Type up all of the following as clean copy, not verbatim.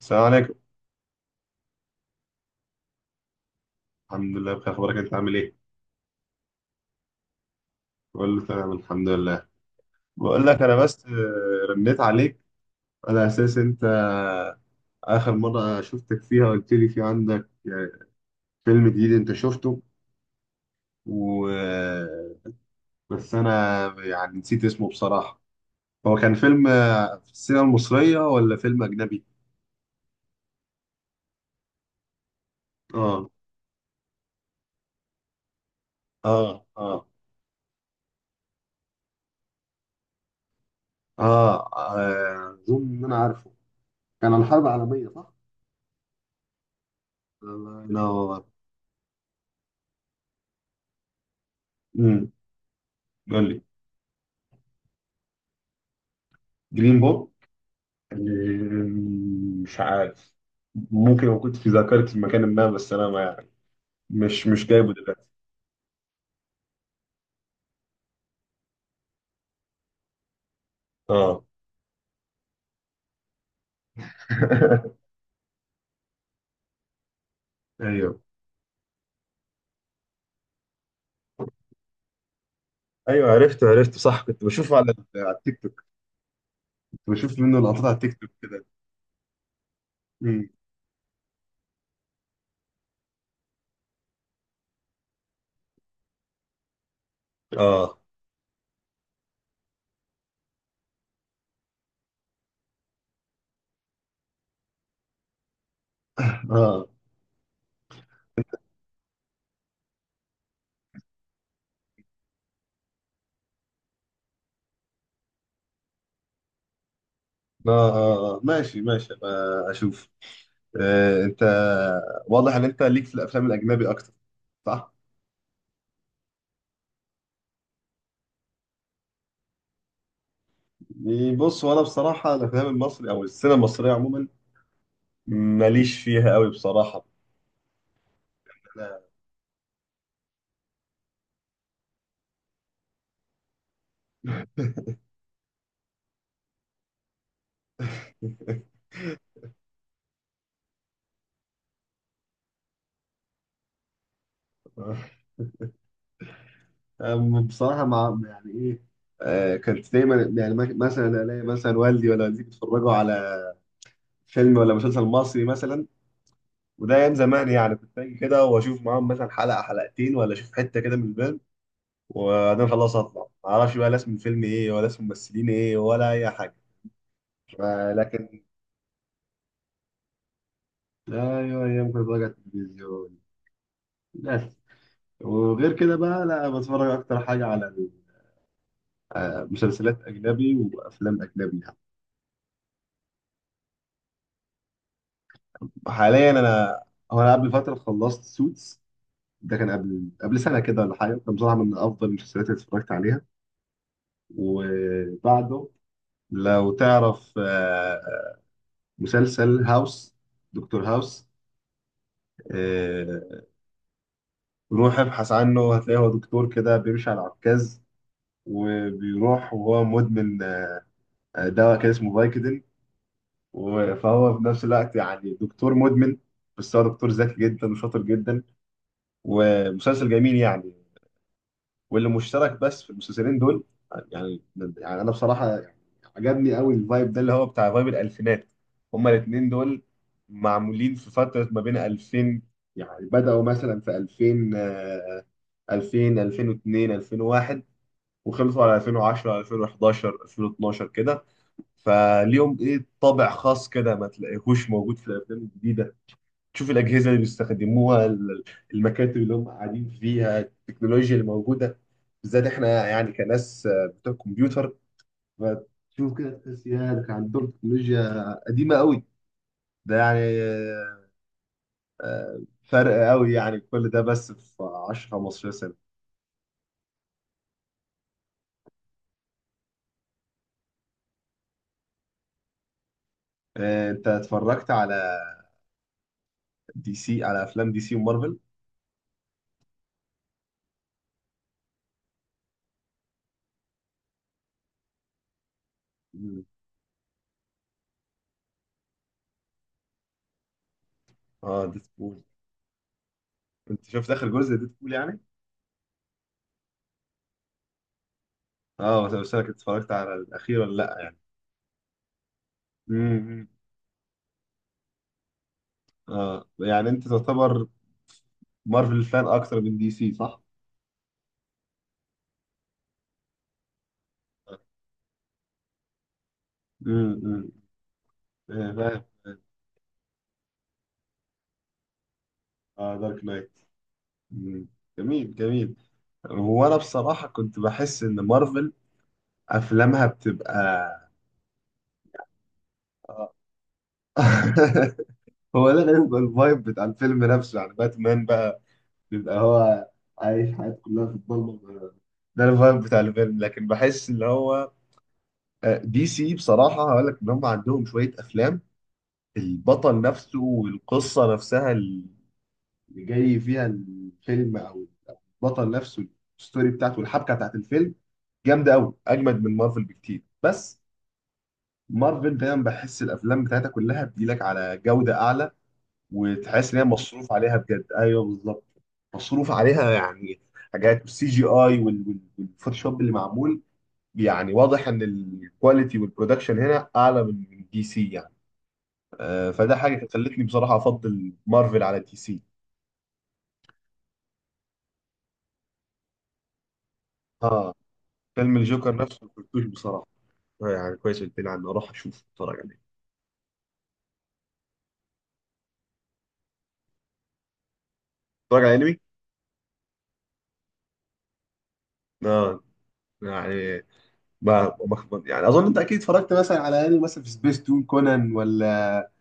السلام عليكم. الحمد لله، بخير. اخبارك؟ انت عامل ايه؟ بقول له تمام الحمد لله. بقول لك انا بس رنيت عليك على اساس انت اخر مره شفتك فيها قلت لي في عندك فيلم جديد انت شفته. و بس انا يعني نسيت اسمه بصراحه. هو كان فيلم في السينما المصريه ولا فيلم اجنبي؟ اه اه. اه اه. اظن ان انا عارفه. كان عن الحرب العالميه، صح؟ انا أنا-. امم قول لي. جرين بوك؟ مش عارف. ممكن لو كنت في ذاكرتي مكان ما، بس انا ما يعني مش جايبه دلوقتي. اه. ايوه، ايوه، عرفته عرفته، صح. كنت بشوفه على التيك توك. كنت بشوف منه لقطات على التيك توك كده. مم. اه اه. اه. ماشي ماشي، أبقى اشوف. انت واضح ان انت ليك في الافلام الاجنبي اكتر، صح؟ يعني بص، وانا بصراحه الافلام المصري او السينما المصريه عموما ماليش فيها قوي بصراحه. أنا-. أم- بصراحة مع يعني إيه؟ كانت دايما، يعني مك- مثلا ألاقي مثلا والدي ولا والدتي بيتفرجوا على فيلم ولا مسلسل مصري مثلا. وده أيام زمان، يعني كنت أجي كده وأشوف معاهم مثلا حلقة حلقتين، ولا أشوف حتة كده من الفيلم، وبعدين خلاص أطلع، معرفش بقى لا اسم الفيلم إيه ولا اسم الممثلين إيه ولا أي حاجة. لكن أيوه، أيام كنت بتفرج على التلفزيون بس. وغير كده بقى لا، بتفرج أكتر حاجة على مسلسلات أجنبي وأفلام أجنبي يعني. حاليا انا، هو انا قبل فتره خلصت سوتس. ده كان قبل سنه كده ولا حاجه، كان بصراحه من افضل المسلسلات اللي اتفرجت عليها. وبعده، لو تعرف مسلسل هاوس، دكتور هاوس. آه، روح ابحث عنه، هتلاقيه هو دكتور كده بيمشي على عكاز، وبيروح وهو مدمن دواء كده اسمه فايكودين. و- فهو في نفس الوقت يعني دكتور مدمن، بس هو دكتور ذكي جدا وشاطر جدا، ومسلسل جميل يعني. واللي مشترك بس في المسلسلين دول، يعني انا بصراحه عجبني قوي الفايب ده، اللي هو بتاع فايب الالفينات. هما الاثنين دول معمولين في فتره ما بين 2000، يعني بداوا مثلا في 2000، 2000، 2002، 2001، وخلصوا على 2010، 2011، 2012 كده. فليهم ايه طابع خاص كده ما تلاقيهوش موجود في الافلام الجديده. تشوف الأجهزة اللي بيستخدموها، ال-، المكاتب اللي هم قاعدين فيها، التكنولوجيا اللي موجودة، بالذات احنا يعني كناس بتوع كمبيوتر، فتشوف كده تحس يا ده كان عندهم تكنولوجيا قديمة قوي. ده يعني آه، فرق قوي يعني. كل ده بس في 10 15 سنة. انت اتفرجت على دي سي، على افلام دي سي ومارفل؟ مم. اه، ديدبول. انت شفت اخر جزء ديدبول يعني؟ اه، بس انا كنت اتفرجت على الاخير ولا لا؟ امم. اه، يعني انت تعتبر مارفل فان اكتر من دي سي، صح؟ امم. مم. فاهم. اه، دارك نايت. مم. جميل جميل. هو انا بصراحة كنت بحس ان مارفل افلامها بتبقى. آه. هو ده غير بيبقى الفايب بتاع الفيلم نفسه. يعني باتمان بقى بيبقى هو عايش حياته كلها في الضلمة، ده الفايب بتاع الفيلم. لكن بحس ان هو دي سي بصراحة هقول لك ان هم عندهم شوية افلام، البطل نفسه والقصة نفسها اللي جاي فيها الفيلم، او البطل نفسه، الستوري بتاعته والحبكه بتاعت الفيلم جامده قوي، اجمد من مارفل بكتير. بس مارفل دايما بحس الافلام بتاعتها كلها بتجيلك على جوده اعلى، وتحس ان هي مصروف عليها بجد، ايوه بالظبط. مصروف عليها، يعني حاجات السي جي اي والفوتوشوب اللي معمول. يعني واضح ان الكواليتي والبرودكشن هنا اعلى من دي سي يعني. فده حاجه خلتني بصراحه افضل مارفل على دي سي. اه. فيلم الجوكر نفسه ما كنتوش بصراحه. يعني كويس قلت لي عنه، اروح اشوف اتفرج عليه. اتفرج على انمي. اه، يعني ما يعني اظن انت اكيد اتفرجت مثلا على انمي، مثلا في سبيس تون، كونان ولا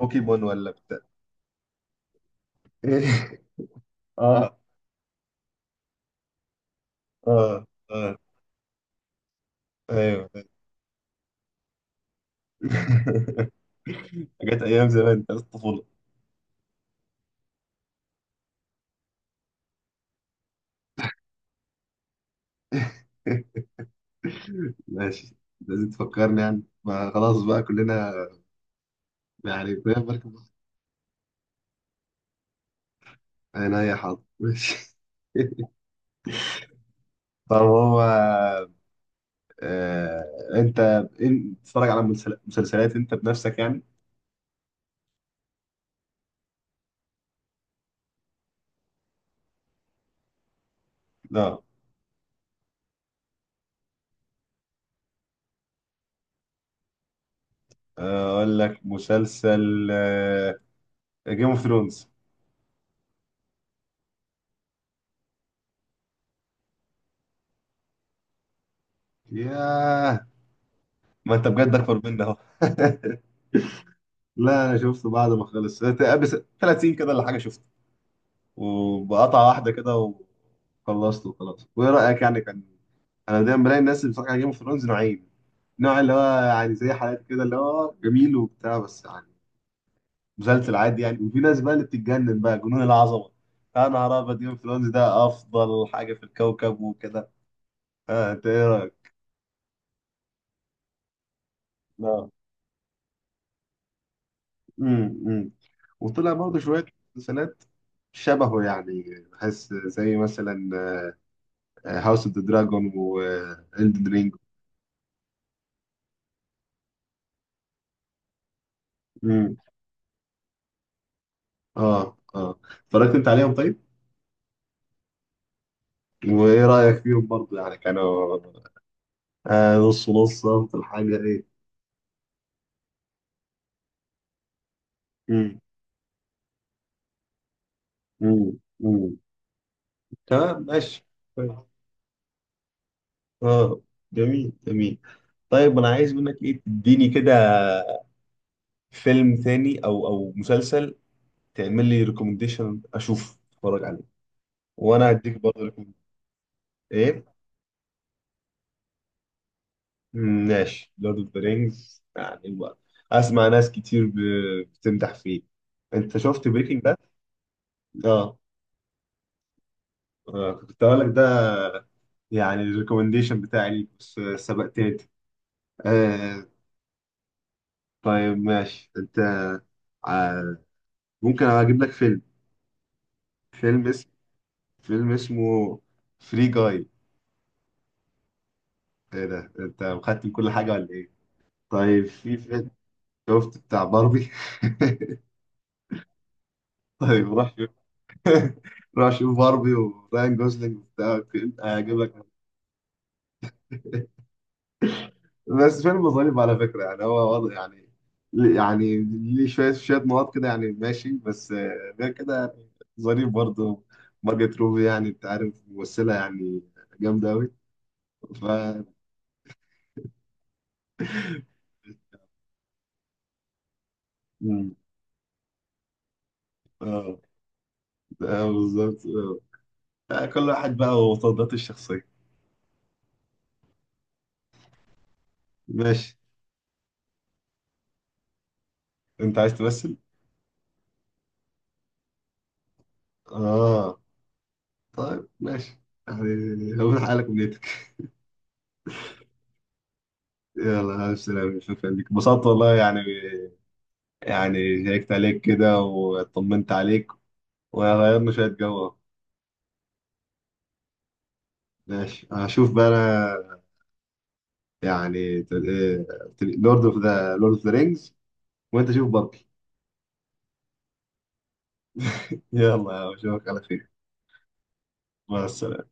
بوكيمون ولا بتاع. اه اه. اه. ايوه. جت ايام زمان بتاعت الطفوله. ماشي. لازم تفكرني، يعني ما خلاص بقى كلنا يعني كلنا في مركب واحد. انا يا حاضر ماشي. طب هو آه انت إيه- بتتفرج على مسل- مسلسلات انت بنفسك يعني؟ لا. اقول لك مسلسل جيم اوف ثرونز. ياه، ما انت بجد اكبر مني اهو. لا انا شفته بعد ما خلص بس 30 كده ولا حاجه، شفته وبقطعه واحده كده، وخلصته وخلاص. وايه رايك يعني، كان؟ انا دايما بلاقي الناس اللي بتتفرج على جيم اوف ثرونز نوعين. نوع اللي هو يعني زي حالات كده، اللي هو جميل وبتاع بس، يعني مسلسل عادي يعني. وفي ناس بقى اللي بتتجنن بقى جنون العظمه، يا نهار ابيض جيم اوف ثرونز ده افضل حاجه في الكوكب وكده. انت ايه رايك؟ لا. امم. وطلع برضه شوية مسلسلات شبهه يعني، بحس زي مثلا هاوس اوف ذا دراجون وإلدن رينج. امم. اه اه. اتفرجت انت عليهم طيب؟ وايه رأيك فيهم برضه، يعني كانوا نص نص في الحاجة ايه؟ امم. امم. امم. تمام ماشي. طيب. اه. جميل جميل. طيب انا عايز منك ايه، تديني كده فيلم ثاني او مسلسل، تعمل لي ريكومنديشن اشوف اتفرج عليه، وانا هديك برضه رقم-. ايه. مم، ماشي، لورد اوف ذا رينجز يعني بقى. اسمع ناس كتير ب- بتمدح فيه. انت شفت بريكنج باد؟ اه. كنت هقول لك ده، يعني الريكومنديشن بتاعي ليك، بس سبقتني انت. آه. طيب ماشي. انت آه ممكن اجيب لك فيلم، فيلم اسم، فيلم اسمه فري جاي. ايه ده انت مختم كل حاجه ولا ايه؟ طيب في فيلم، شفت بتاع باربي؟ طيب روح. راح اشوف باربي وراين جوزلينج وبتاع. هجيب لك بس فيلم ظريف على فكره، يعني هو وضع يعني، يعني ليه شويه شويه نقط كده يعني ماشي، بس غير كده يعني ظريف برضه. مارجت روبي، يعني انت عارف ممثله يعني جامده قوي. ف مم. اه. بالظبط. آه. كل واحد بقى وتفضيلاته الشخصيه. ماشي. انت عايز تمثل؟ اه. طيب ماشي. يعني هو حالك ونيتك. يلا ألف سلامة، شكرا لك، انبسطت والله يعني، يعني شيكت عليك كده وطمنت عليك وغيرنا شوية جو. ماشي هشوف بقى أنا، يعني لورد اوف ذا رينجز، وأنت شوف باربي. يلا أشوفك على خير. مع السلامة.